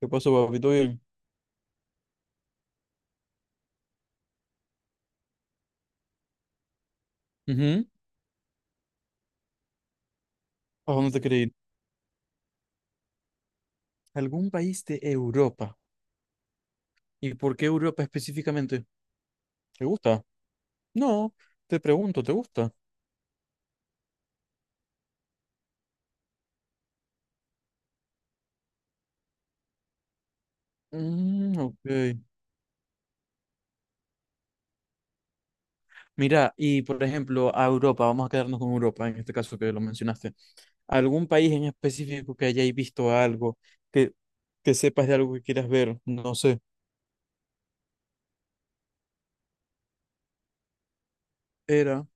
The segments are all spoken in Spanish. ¿Qué pasó, papi? ¿Todo bien? Ujú. ¿A dónde te querés ir? ¿Algún país de Europa? ¿Y por qué Europa específicamente? ¿Te gusta? No, te pregunto, ¿te gusta? Mm, ok. Mira, y por ejemplo, a Europa, vamos a quedarnos con Europa, en este caso que lo mencionaste. ¿Algún país en específico que hayáis visto algo, que, que sepas de algo que quieras ver? No sé. Era.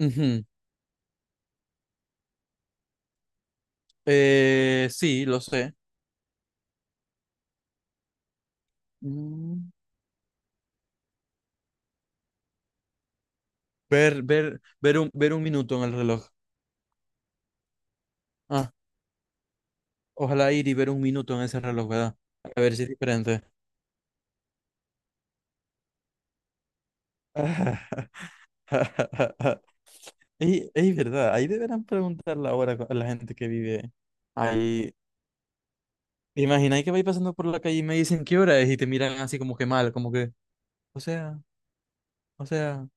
Ujú. Sí, lo sé. Mm, ver un minuto en el reloj. Ojalá ir y ver un minuto en ese reloj, ¿verdad? A ver si es diferente. Y es verdad, ahí deberán preguntar la hora a la gente que vive ahí. Imagina que vais pasando por la calle y me dicen qué hora es y te miran así como que mal, como que, o sea, o sea,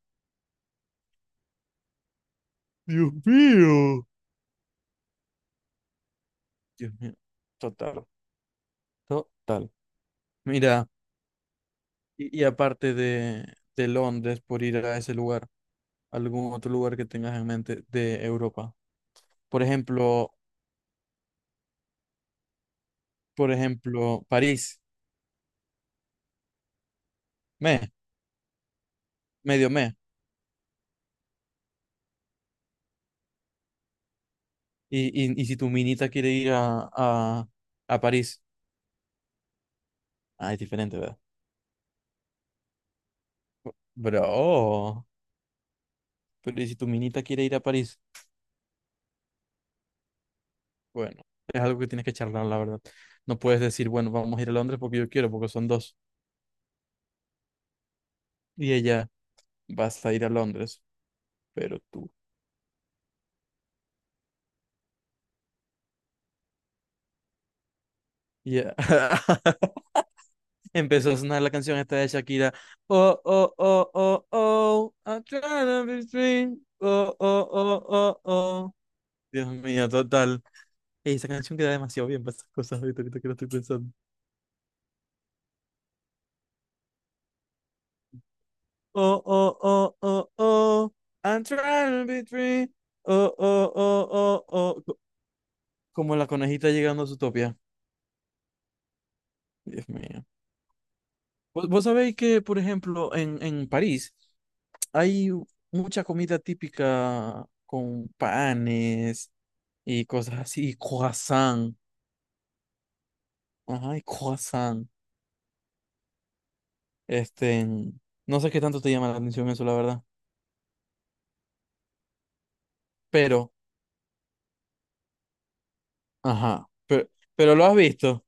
Dios mío, Dios mío, total, total. Mira, y aparte de Londres por ir a ese lugar, algún otro lugar que tengas en mente de Europa. Por ejemplo, por ejemplo, París. Me, medio me. Y si tu minita quiere ir a, a París. Ah, es diferente, ¿verdad? Bro, pero ¿y si tu minita quiere ir a París? Bueno, es algo que tienes que charlar, la verdad. No puedes decir, bueno, vamos a ir a Londres porque yo quiero, porque son dos. Y ella, vas a ir a Londres, pero tú. Ya. Empezó a sonar la canción esta de Shakira. Oh, oh, oh, oh, oh, I'm trying to be free. Oh, oh, oh, oh, oh. Dios mío, total. Ey, esa canción queda demasiado bien para esas cosas ahorita, ahorita que lo estoy pensando. Oh, oh, oh, oh, oh. I'm trying to be free. Oh, oh, oh, oh, oh. Como la conejita llegando a su topia. Dios mío. Vos sabéis que, por ejemplo, en París hay mucha comida típica con panes y cosas así, y croissant. Ajá, y croissant. Este, no sé qué tanto te llama la atención eso, la verdad. Pero, ajá. Pero lo has visto.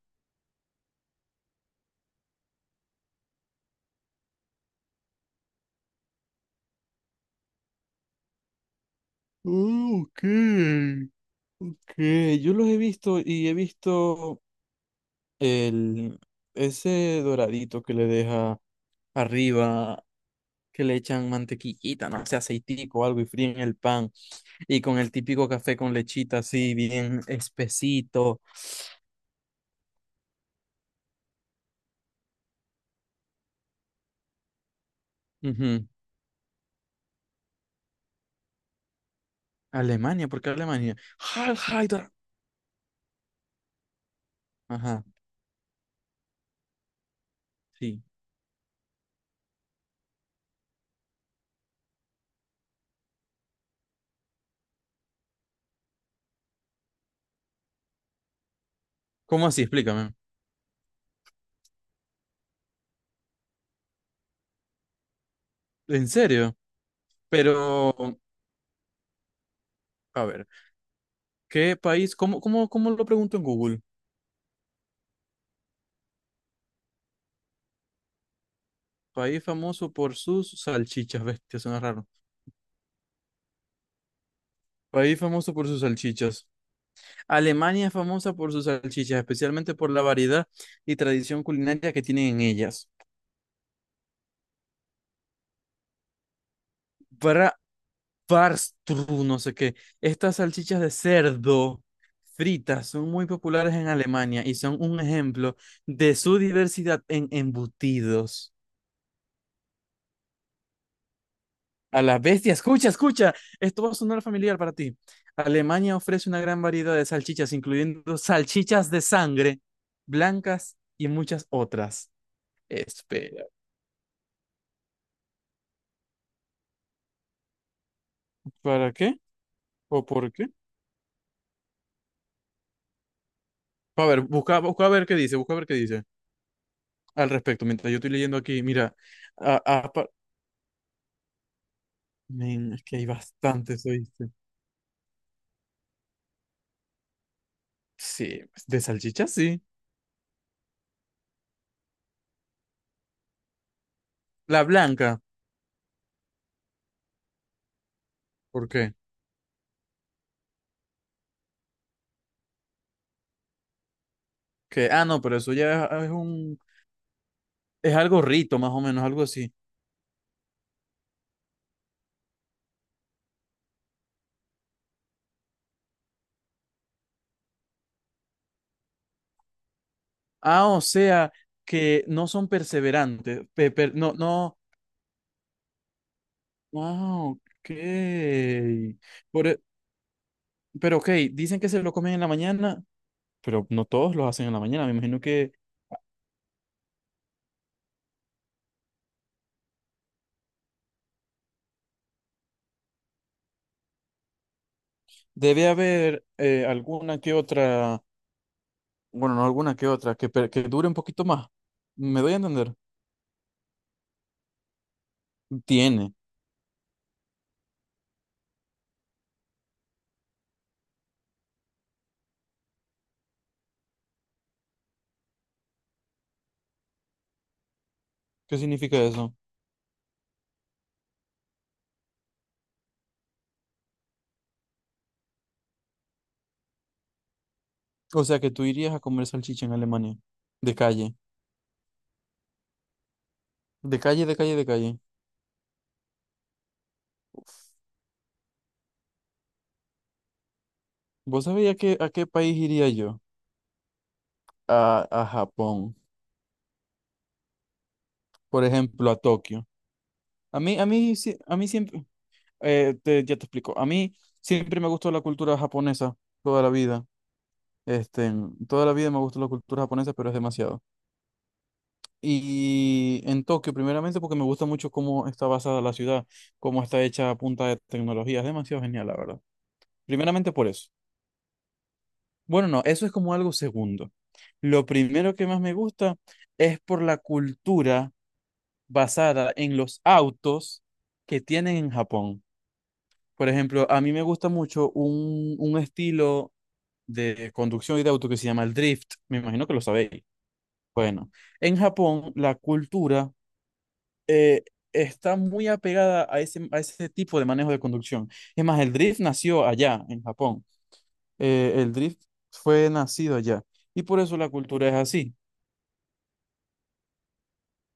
Oh, ok, ok. Yo los he visto y he visto el, ese doradito que le deja arriba, que le echan mantequillita, no sé, aceitico o algo y fríen el pan. Y con el típico café con lechita así, bien espesito. Ujú. Alemania, ¿por qué Alemania? Heil Hitler. Ajá, sí. ¿Cómo así? Explícame. ¿En serio? Pero, a ver, ¿qué país? ¿Cómo lo pregunto en Google? País famoso por sus salchichas, bestia, suena raro. País famoso por sus salchichas. Alemania es famosa por sus salchichas, especialmente por la variedad y tradición culinaria que tienen en ellas. Para Barstru, no sé qué. Estas salchichas de cerdo fritas son muy populares en Alemania y son un ejemplo de su diversidad en embutidos. A la bestia, escucha, escucha. Esto va a sonar familiar para ti. Alemania ofrece una gran variedad de salchichas, incluyendo salchichas de sangre, blancas y muchas otras. Espera, ¿para qué? ¿O por qué? A ver, busca, busca a ver qué dice, busca a ver qué dice al respecto. Mientras yo estoy leyendo aquí, mira, a- a- pa- men, es que hay bastantes, ¿oíste? Sí, de salchichas, sí. La blanca, ¿por qué? Ah, no, pero eso ya es es algo rito, más o menos, algo así. Ah, o sea, que no son perseverantes. No, no. Ah, ok. Por e- pero ok, dicen que se lo comen en la mañana, pero no todos lo hacen en la mañana. Me imagino que debe haber alguna que otra, bueno, no alguna que otra, que dure un poquito más. ¿Me doy a entender? Tiene. ¿Qué significa eso? O sea, que tú irías a comer salchicha en Alemania. De calle. De calle, de calle, de calle. ¿Vos sabías que, a qué país iría yo? A Japón. Por ejemplo, a Tokio. Sí- a mí siempre, te- ya te explico, a mí siempre me gustó la cultura japonesa toda la vida. Este, Toda la vida me gustó la cultura japonesa, pero es demasiado. Y en Tokio, primeramente, porque me gusta mucho cómo está basada la ciudad, cómo está hecha a punta de tecnología. Es demasiado genial, la verdad. Primeramente por eso. Bueno, no, eso es como algo segundo. Lo primero que más me gusta es por la cultura basada en los autos que tienen en Japón. Por ejemplo, a mí me gusta mucho un estilo de conducción y de auto que se llama el drift. Me imagino que lo sabéis. Bueno, en Japón la cultura eh, está muy apegada a ese tipo de manejo de conducción. Es más, el drift nació allá, en Japón. El drift fue nacido allá. Y por eso la cultura es así.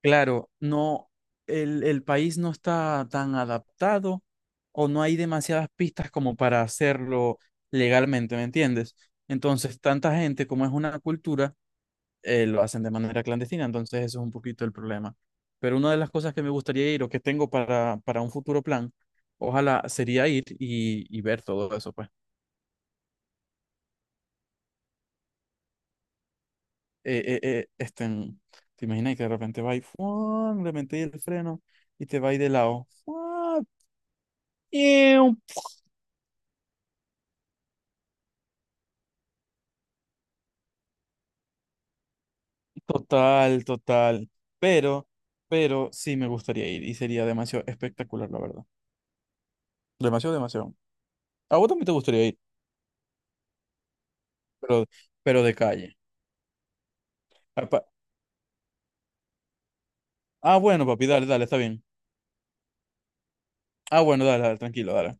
Claro, no, el país no está tan adaptado o no hay demasiadas pistas como para hacerlo legalmente, ¿me entiendes? Entonces, tanta gente como es una cultura, lo hacen de manera clandestina, entonces eso es un poquito el problema. Pero una de las cosas que me gustaría ir o que tengo para un futuro plan, ojalá sería ir y ver todo eso, pues. Eh, eh, eh, este, mm, ¿te imaginas que de repente va y ¡fuan! Le metí el freno y te va y de lado? ¡Fuan! Total, total. Pero, pero sí me gustaría ir y sería demasiado espectacular, la verdad. Demasiado, demasiado. A vos también te gustaría ir, pero, pero de calle. Ah, ah, bueno, papi, dale, dale, está bien. Ah, bueno, dale, dale, tranquilo, dale.